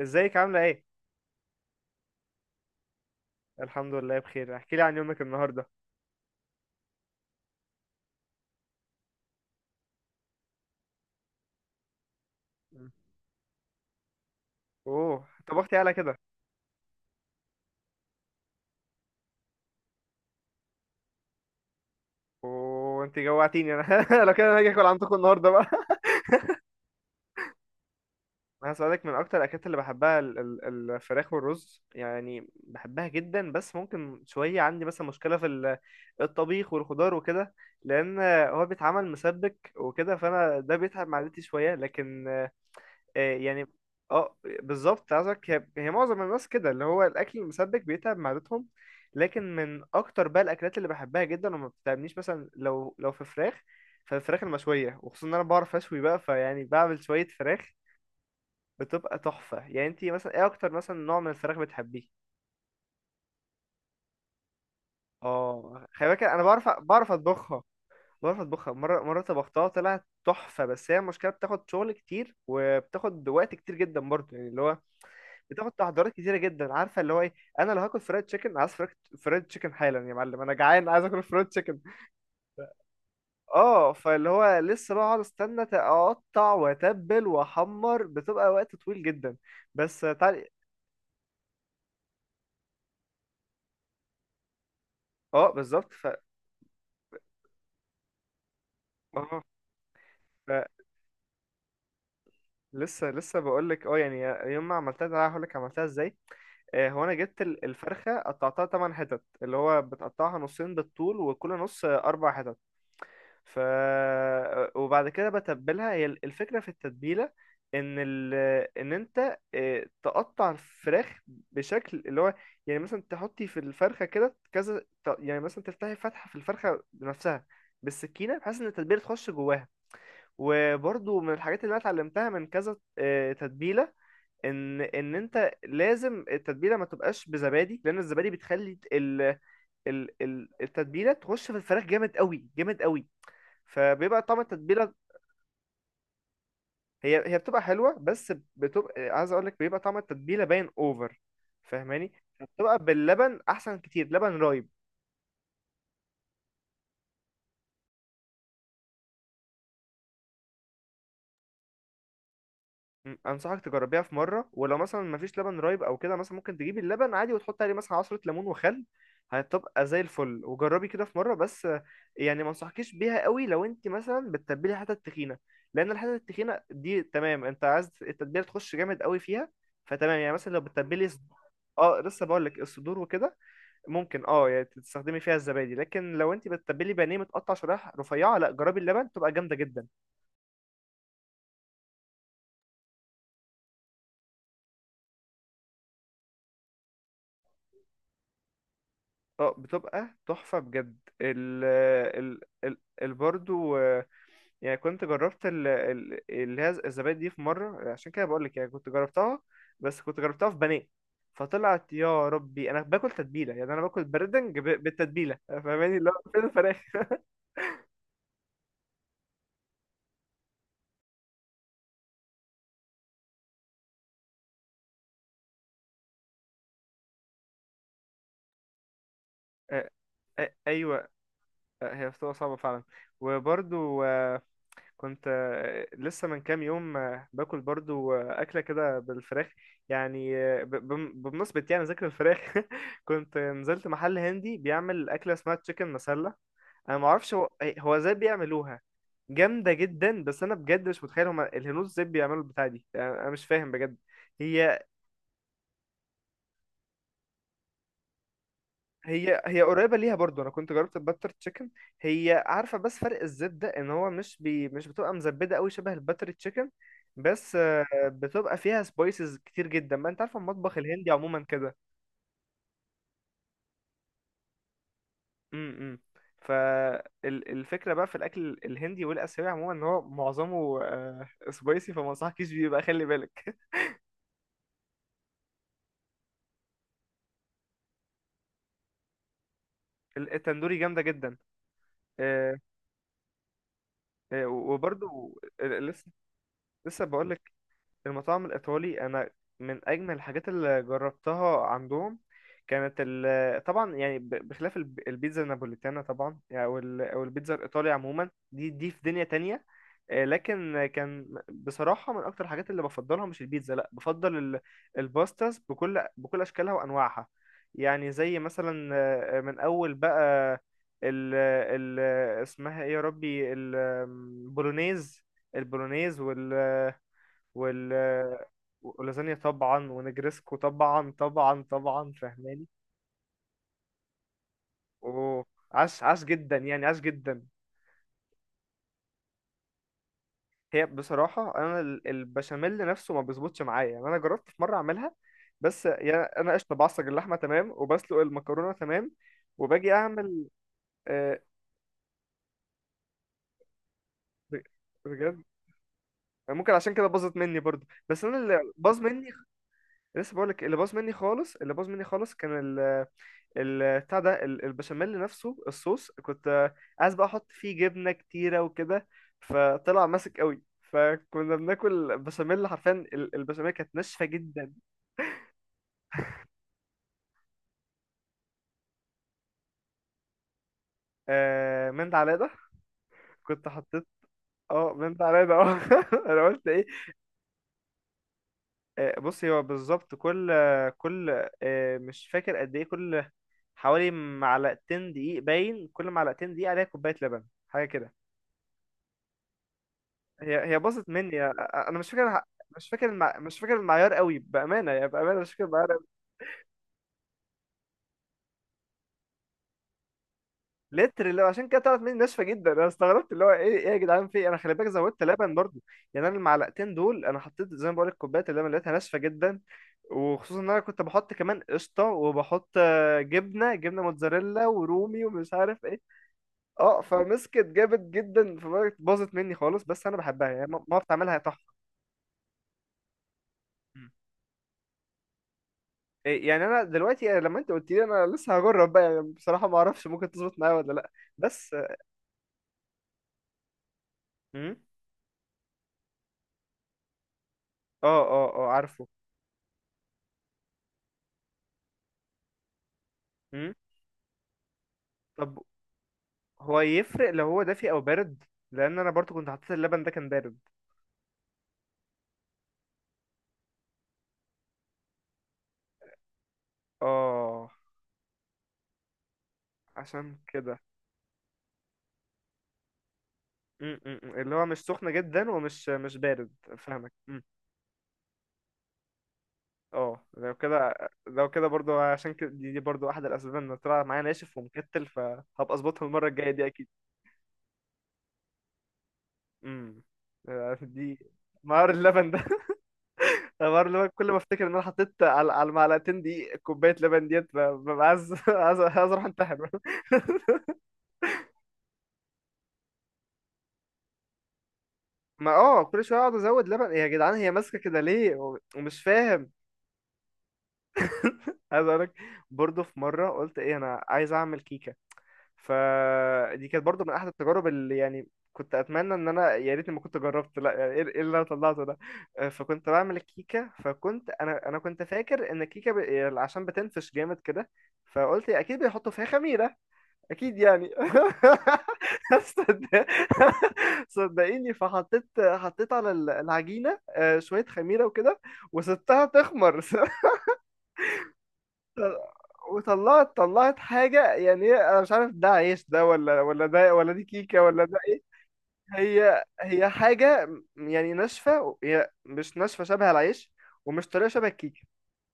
ازيك عاملة ايه؟ الحمد لله بخير، احكي لي عن يومك النهاردة. مم. اوه، طبختي على كده. اوه، انت جوعتيني انا لو كده انا هاجي اكل عندكم النهاردة بقى. انا هسألك، من اكتر الاكلات اللي بحبها الفراخ والرز، يعني بحبها جدا، بس ممكن شوية عندي مثلا مشكلة في الطبيخ والخضار وكده، لان هو بيتعمل مسبك وكده فانا ده بيتعب معدتي شوية. لكن يعني اه، بالظبط عايزك. هي معظم الناس كده، اللي هو الاكل المسبك بيتعب معدتهم. لكن من اكتر بقى الاكلات اللي بحبها جدا وما بتتعبنيش، مثلا لو في فراخ، فالفراخ المشويه، وخصوصا ان انا بعرف اشوي بقى، فيعني بعمل شويه فراخ بتبقى تحفه. يعني انتي مثلا ايه اكتر مثلا نوع من الفراخ بتحبيه؟ اه، خلي بالك، انا بعرف اطبخها، بعرف اطبخها. مره طبختها طلعت تحفه، بس هي المشكله بتاخد شغل كتير وبتاخد وقت كتير جدا برضه. يعني اللي هو بتاخد تحضيرات كتيره جدا، عارفه اللي هو ايه. انا لو هاكل فرايد تشيكن، عايز فرايد فرايد تشيكن حالا يا معلم، انا جعان عايز اكل فرايد تشيكن. اه، فاللي هو لسه بقى اقعد استنى، اقطع واتبل واحمر، بتبقى وقت طويل جدا. بس تعالي، اه بالظبط. ف اه، ف... لسه بقول لك، اه يعني يوم ما عملتها ده هقول لك عملتها ازاي. هو انا جبت الفرخه، قطعتها 8 حتت، اللي هو بتقطعها نصين بالطول، وكل نص اربع حتت. ف وبعد كده بتبلها. هي الفكرة في التتبيلة ان ال... ان انت تقطع الفراخ بشكل اللي هو، يعني مثلا تحطي في الفرخة كده كذا، يعني مثلا تفتحي فتحة في الفرخة بنفسها بالسكينة، بحيث ان التتبيلة تخش جواها. وبرضو من الحاجات اللي انا اتعلمتها من كذا تتبيلة، ان انت لازم التتبيلة ما تبقاش بزبادي، لان الزبادي بتخلي التتبيلة تخش في الفراخ جامد قوي، جامد قوي، فبيبقى طعم التتبيله. هي بتبقى حلوه، بس بتبقى، عايز اقول لك، بيبقى طعم التتبيله باين اوفر، فاهماني. فبتبقى باللبن احسن كتير، لبن رايب. م، انصحك تجربيها في مره. ولو مثلا مفيش لبن رايب او كده، مثلا ممكن تجيبي اللبن عادي وتحطي عليه مثلا عصره ليمون وخل، هتبقى زي الفل. وجربي كده في مره، بس يعني ما انصحكيش بيها قوي لو انت مثلا بتتبلي حتة تخينه، لان الحتة التخينه دي تمام، انت عايز التتبيله تخش جامد قوي فيها. فتمام يعني مثلا لو بتتبلي، اه لسه بقول لك. الصدور وكده ممكن اه يعني تستخدمي فيها الزبادي، لكن لو انت بتتبلي بانيه متقطع شرايح رفيعه، لا، جربي اللبن، بتبقى جامده جدا. اه بتبقى تحفه بجد. ال ال ال, ال برضو يعني كنت جربت ال ال اللي هي الزبادي دي في مره، عشان كده بقول لك، يعني كنت جربتها، بس كنت جربتها في بانيه، فطلعت يا ربي انا باكل تتبيله، يعني انا باكل بردنج بالتتبيله، فاهماني، اللي هو فين الفراخ. آه، ايوه، هي بتبقى صعبه فعلا. وبرضو كنت لسه من كام يوم باكل برضو أكلة كده بالفراخ، يعني بمناسبة يعني ذكر الفراخ. كنت نزلت محل هندي بيعمل أكلة اسمها تشيكن مسلة. أنا معرفش هو إيه، هو ازاي بيعملوها. جامدة جدا، بس أنا بجد مش متخيل هما الهنود ازاي بيعملوا البتاعة دي، يعني أنا مش فاهم بجد. هي هي قريبة ليها برضو. أنا كنت جربت الباتر تشيكن، هي عارفة، بس فرق الزيت ده، إن هو مش بتبقى مزبدة أوي شبه الباتر تشيكن، بس بتبقى فيها سبايسز كتير جدا، ما أنت عارفة المطبخ الهندي عموما كده. امم، فالفكرة بقى في الأكل الهندي والآسيوي عموما، إن هو معظمه سبايسي، فما أنصحكيش بيه بقى، خلي بالك. التندوري جامدة جدا. آه، وبرضو لسه، لسه بقولك. المطاعم الإيطالي أنا من أجمل الحاجات اللي جربتها عندهم، كانت ال، طبعا يعني بخلاف البيتزا النابوليتانا طبعا، يعني أو أو البيتزا الإيطالي عموما، دي في دنيا تانية. لكن كان بصراحة من أكتر الحاجات اللي بفضلها مش البيتزا لأ، بفضل الباستاز، بكل أشكالها وأنواعها. يعني زي مثلا من أول بقى ال ال اسمها إيه يا ربي، البولونيز. البولونيز وال ولازانيا طبعا، ونجرسكو طبعا طبعا طبعا، فاهماني. اوه، عاش جدا، يعني عاش جدا. هي بصراحة أنا البشاميل نفسه ما بيظبطش معايا، يعني أنا جربت في مرة أعملها، بس يعني أنا قشطة بعصج اللحمة تمام، وبسلق المكرونة تمام، وباجي أعمل آه، ب- بجد ممكن عشان كده باظت مني برضو. بس أنا اللي باظ مني، لسه بقولك، اللي باظ مني خالص، اللي باظ مني خالص كان البتاع ده، البشاميل نفسه، الصوص. كنت عايز بقى احط فيه جبنه كتيره وكده، فطلع ماسك قوي، فكنا بناكل بشاميل حرفيا، البشاميل كانت ناشفه جدا. آه من ده على ده، كنت حطيت اه من ده على ده اه. انا قلت ايه؟ بصي، هو بالظبط كل كل مش فاكر قد ايه، كل حوالي معلقتين دقيق، باين كل معلقتين دقيق عليها كوبايه لبن، حاجه كده. هي باظت مني، انا مش فاكر، مش فاكر مش فاكر المعيار قوي، بامانه يعني بامانه مش فاكر المعيار قوي. لتر، اللي هو عشان كده طلعت مني ناشفه جدا، انا استغربت اللي هو ايه، ايه يا جدعان، في إيه؟ انا خلي بالك زودت لبن برضو. يعني انا المعلقتين دول انا حطيت زي ما بقول لك كوبايه اللبن، لقيتها ناشفه جدا، وخصوصا ان انا كنت بحط كمان قشطه، وبحط جبنه موتزاريلا ورومي ومش عارف ايه. اه، فمسكت جامد جدا، فبقت باظت مني خالص، بس انا بحبها يعني، ما بعرف اعملها تحفه. إيه يعني، انا دلوقتي، يعني لما انت قلت لي، انا لسه هجرب بقى، يعني بصراحه ما اعرفش ممكن تظبط معايا ولا لا. بس امم. اه اه اه عارفه. امم، طب هو يفرق لو هو دافي او بارد؟ لان انا برضو كنت حطيت اللبن ده كان بارد. اه عشان كده. امم، اللي هو مش سخن جدا ومش، مش بارد. فاهمك، امم. اه لو كده، لو كده برضو عشان كده دي برضو احد الاسباب ان طلع معايا ناشف ومكتل، فهبقى اظبطها المره الجايه دي اكيد. امم. دي مهار اللبن ده، الحوار اللي هو كل ما افتكر ان انا حطيت على على المعلقتين دي كوبايه لبن، ببقى عايز عايز اروح انتحر. ما اه، كل شويه اقعد ازود لبن، إيه يا جدعان، هي ماسكه كده ليه؟ ومش فاهم. عايز اقول لك، برضه في مره قلت ايه، انا عايز اعمل كيكه. فدي كانت برضه من احد التجارب اللي، يعني كنت اتمنى ان انا يا ريتني ما كنت جربت، لا يعني ايه، إيه اللي انا طلعته ده. فكنت بعمل الكيكه، فكنت انا كنت فاكر ان الكيكه يعني عشان بتنفش جامد كده، فقلت اكيد بيحطوا فيها خميره، اكيد يعني. صد- صدقيني، فحطيت على العجينه شويه خميره وكده، وسبتها تخمر. وطلعت، طلعت حاجه، يعني هي، انا مش عارف ده عيش ده، ولا ده، ولا دي كيكه، ولا ده ايه. هي حاجه يعني ناشفه، هي مش ناشفه شبه العيش، ومش طريه شبه الكيكه.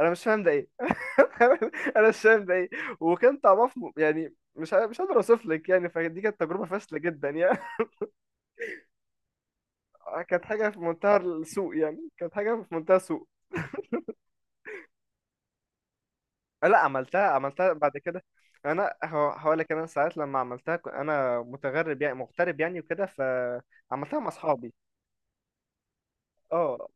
انا مش فاهم ده ايه، انا مش فاهم ده ايه. وكان طعمها في يعني مش قادر اوصف لك يعني، فدي كانت تجربه فاشله جدا يعني. كانت حاجه في منتهى السوء يعني، كانت حاجه في منتهى السوء. لا، عملتها بعد كده. انا هقول لك، انا ساعات لما عملتها انا متغرب، يعني مغترب يعني وكده، فعملتها مع اصحابي. اه،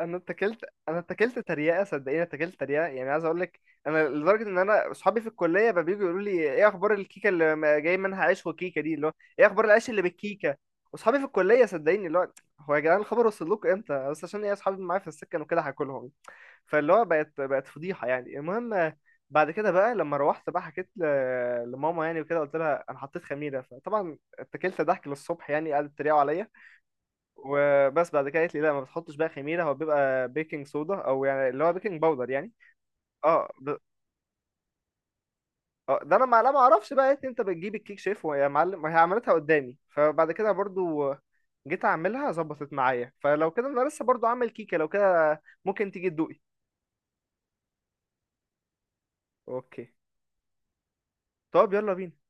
انا اتكلت، انا اتكلت تريقه، صدقيني اتكلت تريقه، يعني عايز اقول لك، انا لدرجه ان انا اصحابي في الكليه بقى بييجوا يقولوا لي، ايه اخبار الكيكه اللي جاي منها عيش وكيكه دي، اللي هو ايه اخبار العيش اللي بالكيكه. واصحابي في الكليه، صدقيني، اللي هو، هو يا جدعان الخبر وصل لكم امتى؟ بس عشان ايه، اصحابي معايا في السكن وكده هاكلهم. فاللي هو بقت فضيحه يعني. المهم، بعد كده بقى لما روحت بقى، حكيت لماما يعني وكده، قلت لها انا حطيت خميره، فطبعا اتكلت ضحك للصبح يعني، قعدت تريقوا عليا. وبس بعد كده قالت لي لا، ما بتحطش بقى خميره، هو بيبقى بيكنج صودا، او يعني اللي هو بيكنج باودر يعني. اه ب... اه ده انا ما، لا ما اعرفش بقى، قالت لي انت بتجيب الكيك شيف ويا معلم، وهي عملتها قدامي، فبعد كده برضو جيت اعملها ظبطت معايا. فلو كده، انا لسه برضو عامل كيكه، لو كده ممكن تيجي تدوقي. اوكي طب يلا بينا.